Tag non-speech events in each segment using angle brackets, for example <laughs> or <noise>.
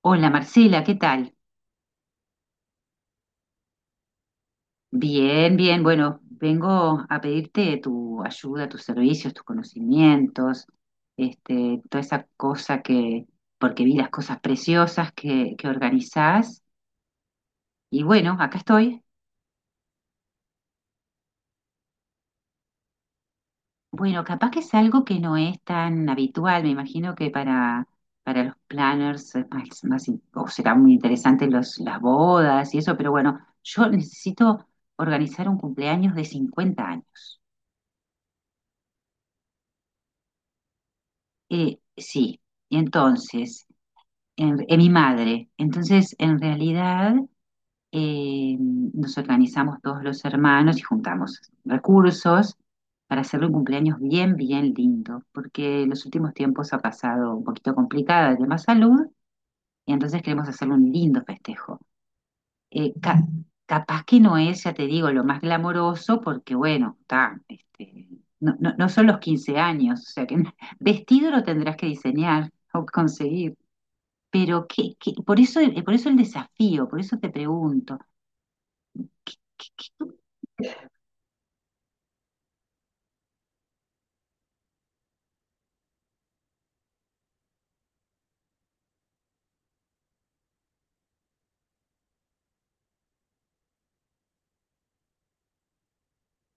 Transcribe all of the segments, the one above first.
Hola Marcela, ¿qué tal? Bien, bien. Bueno, vengo a pedirte tu ayuda, tus servicios, tus conocimientos, toda esa cosa que, porque vi las cosas preciosas que organizás. Y bueno, acá estoy. Bueno, capaz que es algo que no es tan habitual. Me imagino que para los planners es más o será muy interesante las bodas y eso, pero bueno, yo necesito organizar un cumpleaños de 50 años. Sí, entonces, mi madre. Entonces, en realidad, nos organizamos todos los hermanos y juntamos recursos para hacerle un cumpleaños bien lindo, porque en los últimos tiempos ha pasado un poquito complicada de tema salud, y entonces queremos hacerle un lindo festejo eh, ca- capaz que no es, ya te digo, lo más glamoroso, porque bueno, no son los 15 años, o sea que <laughs> vestido lo tendrás que diseñar o conseguir. Por eso, por eso el desafío, por eso te pregunto, ¿qué- qué- qué-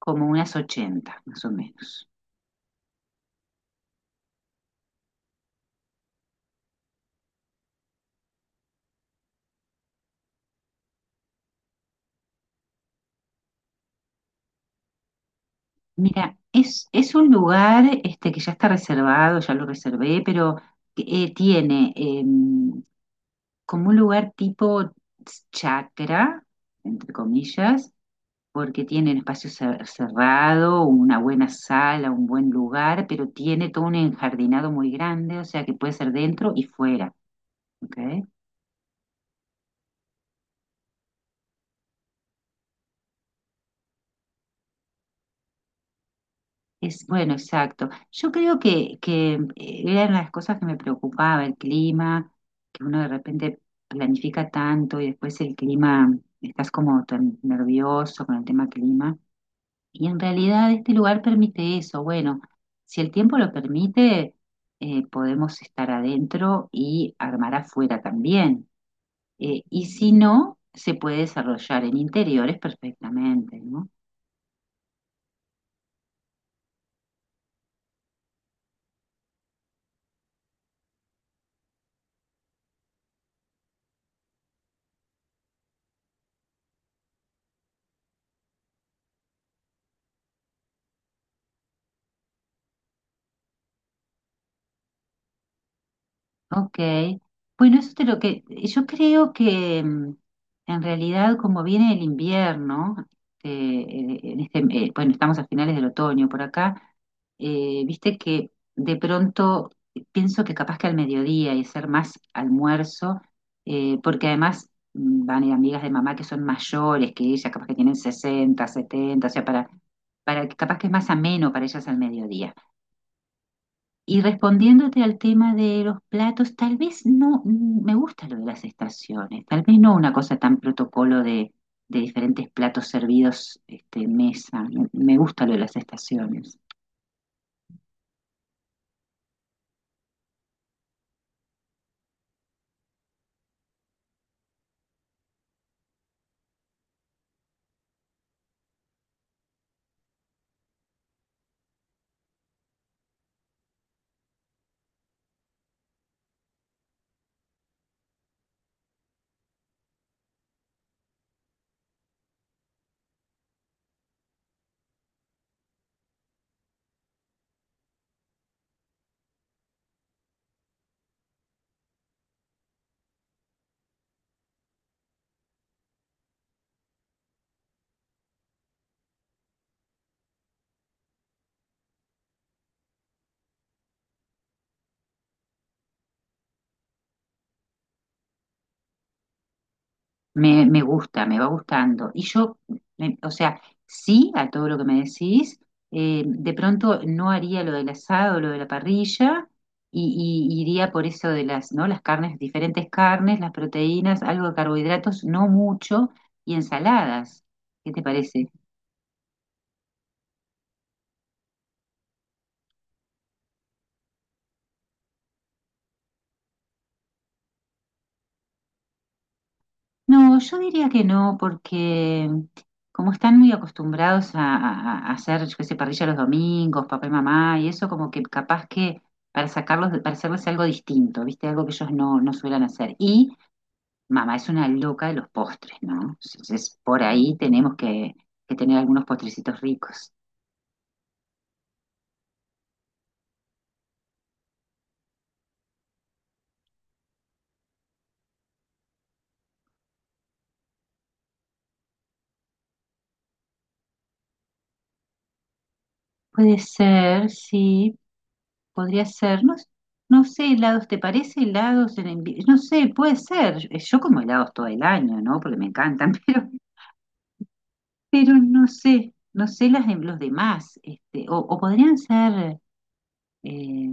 como unas 80 más o menos. Mira, es un lugar este, que ya está reservado, ya lo reservé, pero tiene como un lugar tipo chakra, entre comillas, porque tiene un espacio cerrado, una buena sala, un buen lugar, pero tiene todo un enjardinado muy grande, o sea que puede ser dentro y fuera, ¿ok? Es bueno, exacto. Yo creo que era una de las cosas que me preocupaba, el clima, que uno de repente planifica tanto y después el clima, estás como tan nervioso con el tema clima. Y en realidad este lugar permite eso. Bueno, si el tiempo lo permite, podemos estar adentro y armar afuera también. Y si no, se puede desarrollar en interiores perfectamente, ¿no? Ok. Bueno, eso es de lo que yo creo que en realidad como viene el invierno, bueno, estamos a finales del otoño por acá, viste que de pronto pienso que capaz que al mediodía y hacer más almuerzo, porque además van a ir amigas de mamá que son mayores que ella, capaz que tienen 60, 70, o sea, para que capaz que es más ameno para ellas al mediodía. Y respondiéndote al tema de los platos, tal vez no, me gusta lo de las estaciones, tal vez no una cosa tan protocolo de diferentes platos servidos este, en mesa, me gusta lo de las estaciones. Me gusta, me va gustando. O sea, sí a todo lo que me decís, de pronto no haría lo del asado, lo de la parrilla, y iría por eso de las, ¿no? Las carnes, diferentes carnes, las proteínas, algo de carbohidratos, no mucho, y ensaladas. ¿Qué te parece? No, yo diría que no, porque como están muy acostumbrados a, a hacer, yo qué sé, parrilla los domingos, papá y mamá, y eso como que capaz que para sacarlos, para hacerles algo distinto, ¿viste? Algo que ellos no suelen hacer. Y mamá es una loca de los postres, ¿no? Entonces, por ahí tenemos que tener algunos postrecitos ricos. Puede ser, sí, podría ser. No, no sé, helados, ¿te parece helados en invierno? No sé, puede ser. Yo como helados todo el año, ¿no? Porque me encantan, <laughs> pero... Pero no sé, no sé las de los demás, o podrían ser eh,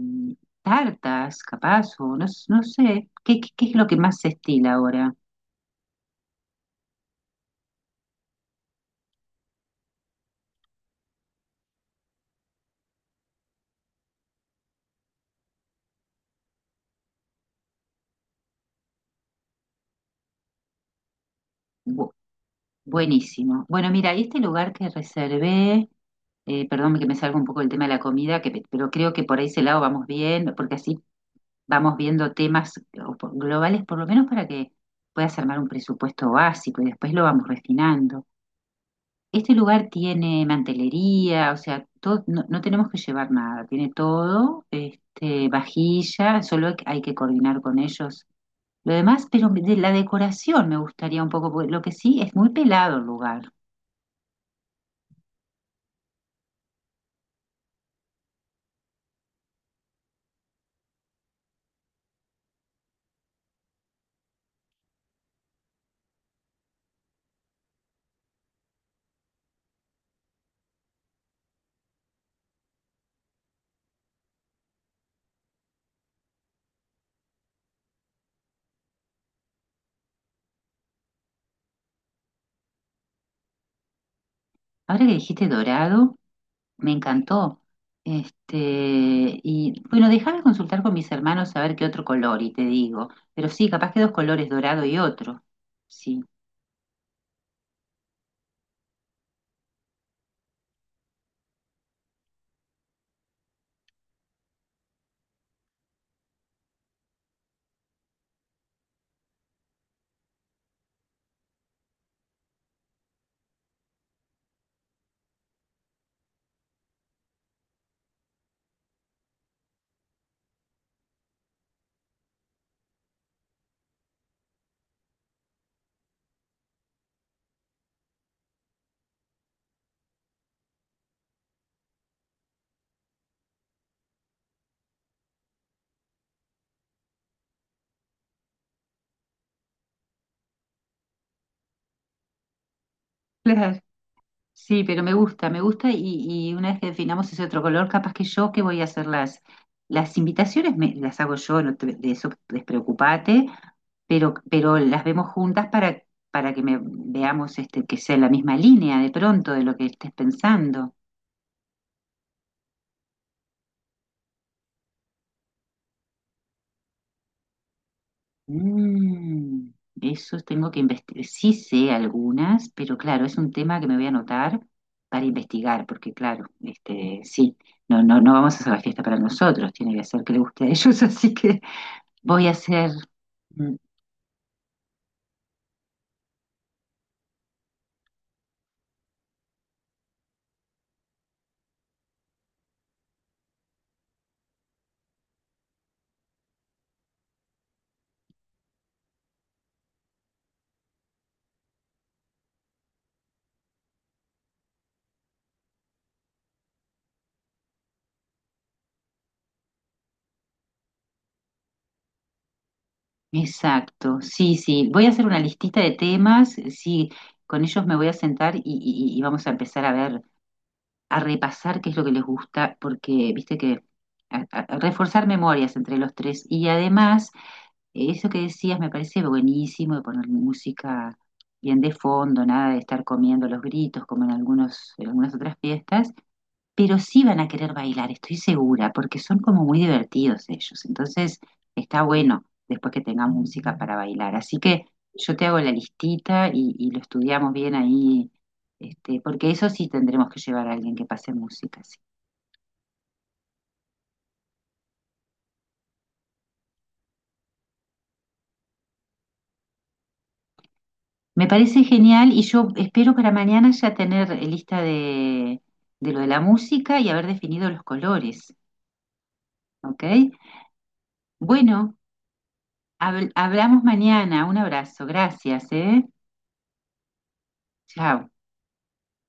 tartas, capaz, o no, no sé, ¿qué es lo que más se estila ahora? Bu- Buenísimo. Bueno, mira, y este lugar que reservé, perdón que me salga un poco el tema de la comida, pero creo que por ese lado vamos bien, porque así vamos viendo temas globales, por lo menos para que puedas armar un presupuesto básico y después lo vamos refinando. Este lugar tiene mantelería, o sea, no tenemos que llevar nada, tiene todo, este, vajilla, que hay que coordinar con ellos. Lo demás, pero de la decoración me gustaría un poco, porque lo que sí es muy pelado el lugar. Ahora que dijiste dorado, me encantó. Este, y bueno, déjame consultar con mis hermanos a ver qué otro color y te digo, pero sí, capaz que dos colores, dorado y otro. Sí. Claro. Sí, pero me gusta y una vez que definamos ese otro color, capaz que yo que voy a hacer las invitaciones, las hago yo, no te- de eso despreocupate, pero las vemos juntas para que veamos este, que sea la misma línea de pronto de lo que estés pensando. Mm, eso tengo que investigar. Sí sé algunas, pero claro, es un tema que me voy a anotar para investigar, porque claro, este, sí, no vamos a hacer la fiesta para nosotros, tiene que hacer que le guste a ellos, <laughs> así que Voy a hacer, mm, exacto, sí, voy a hacer una listita de temas, sí, con ellos me voy a sentar y vamos a empezar a ver, a repasar qué es lo que les gusta, porque viste que a reforzar memorias entre los tres y además eso que decías me parece buenísimo de poner música bien de fondo, nada de estar comiendo los gritos como en en algunas otras fiestas pero sí van a querer bailar, estoy segura, porque son como muy divertidos ellos. Entonces, está bueno después que tengan música para bailar. Así que yo te hago la listita y lo estudiamos bien ahí, este, porque eso sí tendremos que llevar a alguien que pase música, sí. Me parece genial y yo espero para mañana ya tener lista de lo de la música y haber definido los colores, ¿ok? Bueno, hablamos mañana. Un abrazo, gracias, ¿eh? Chao.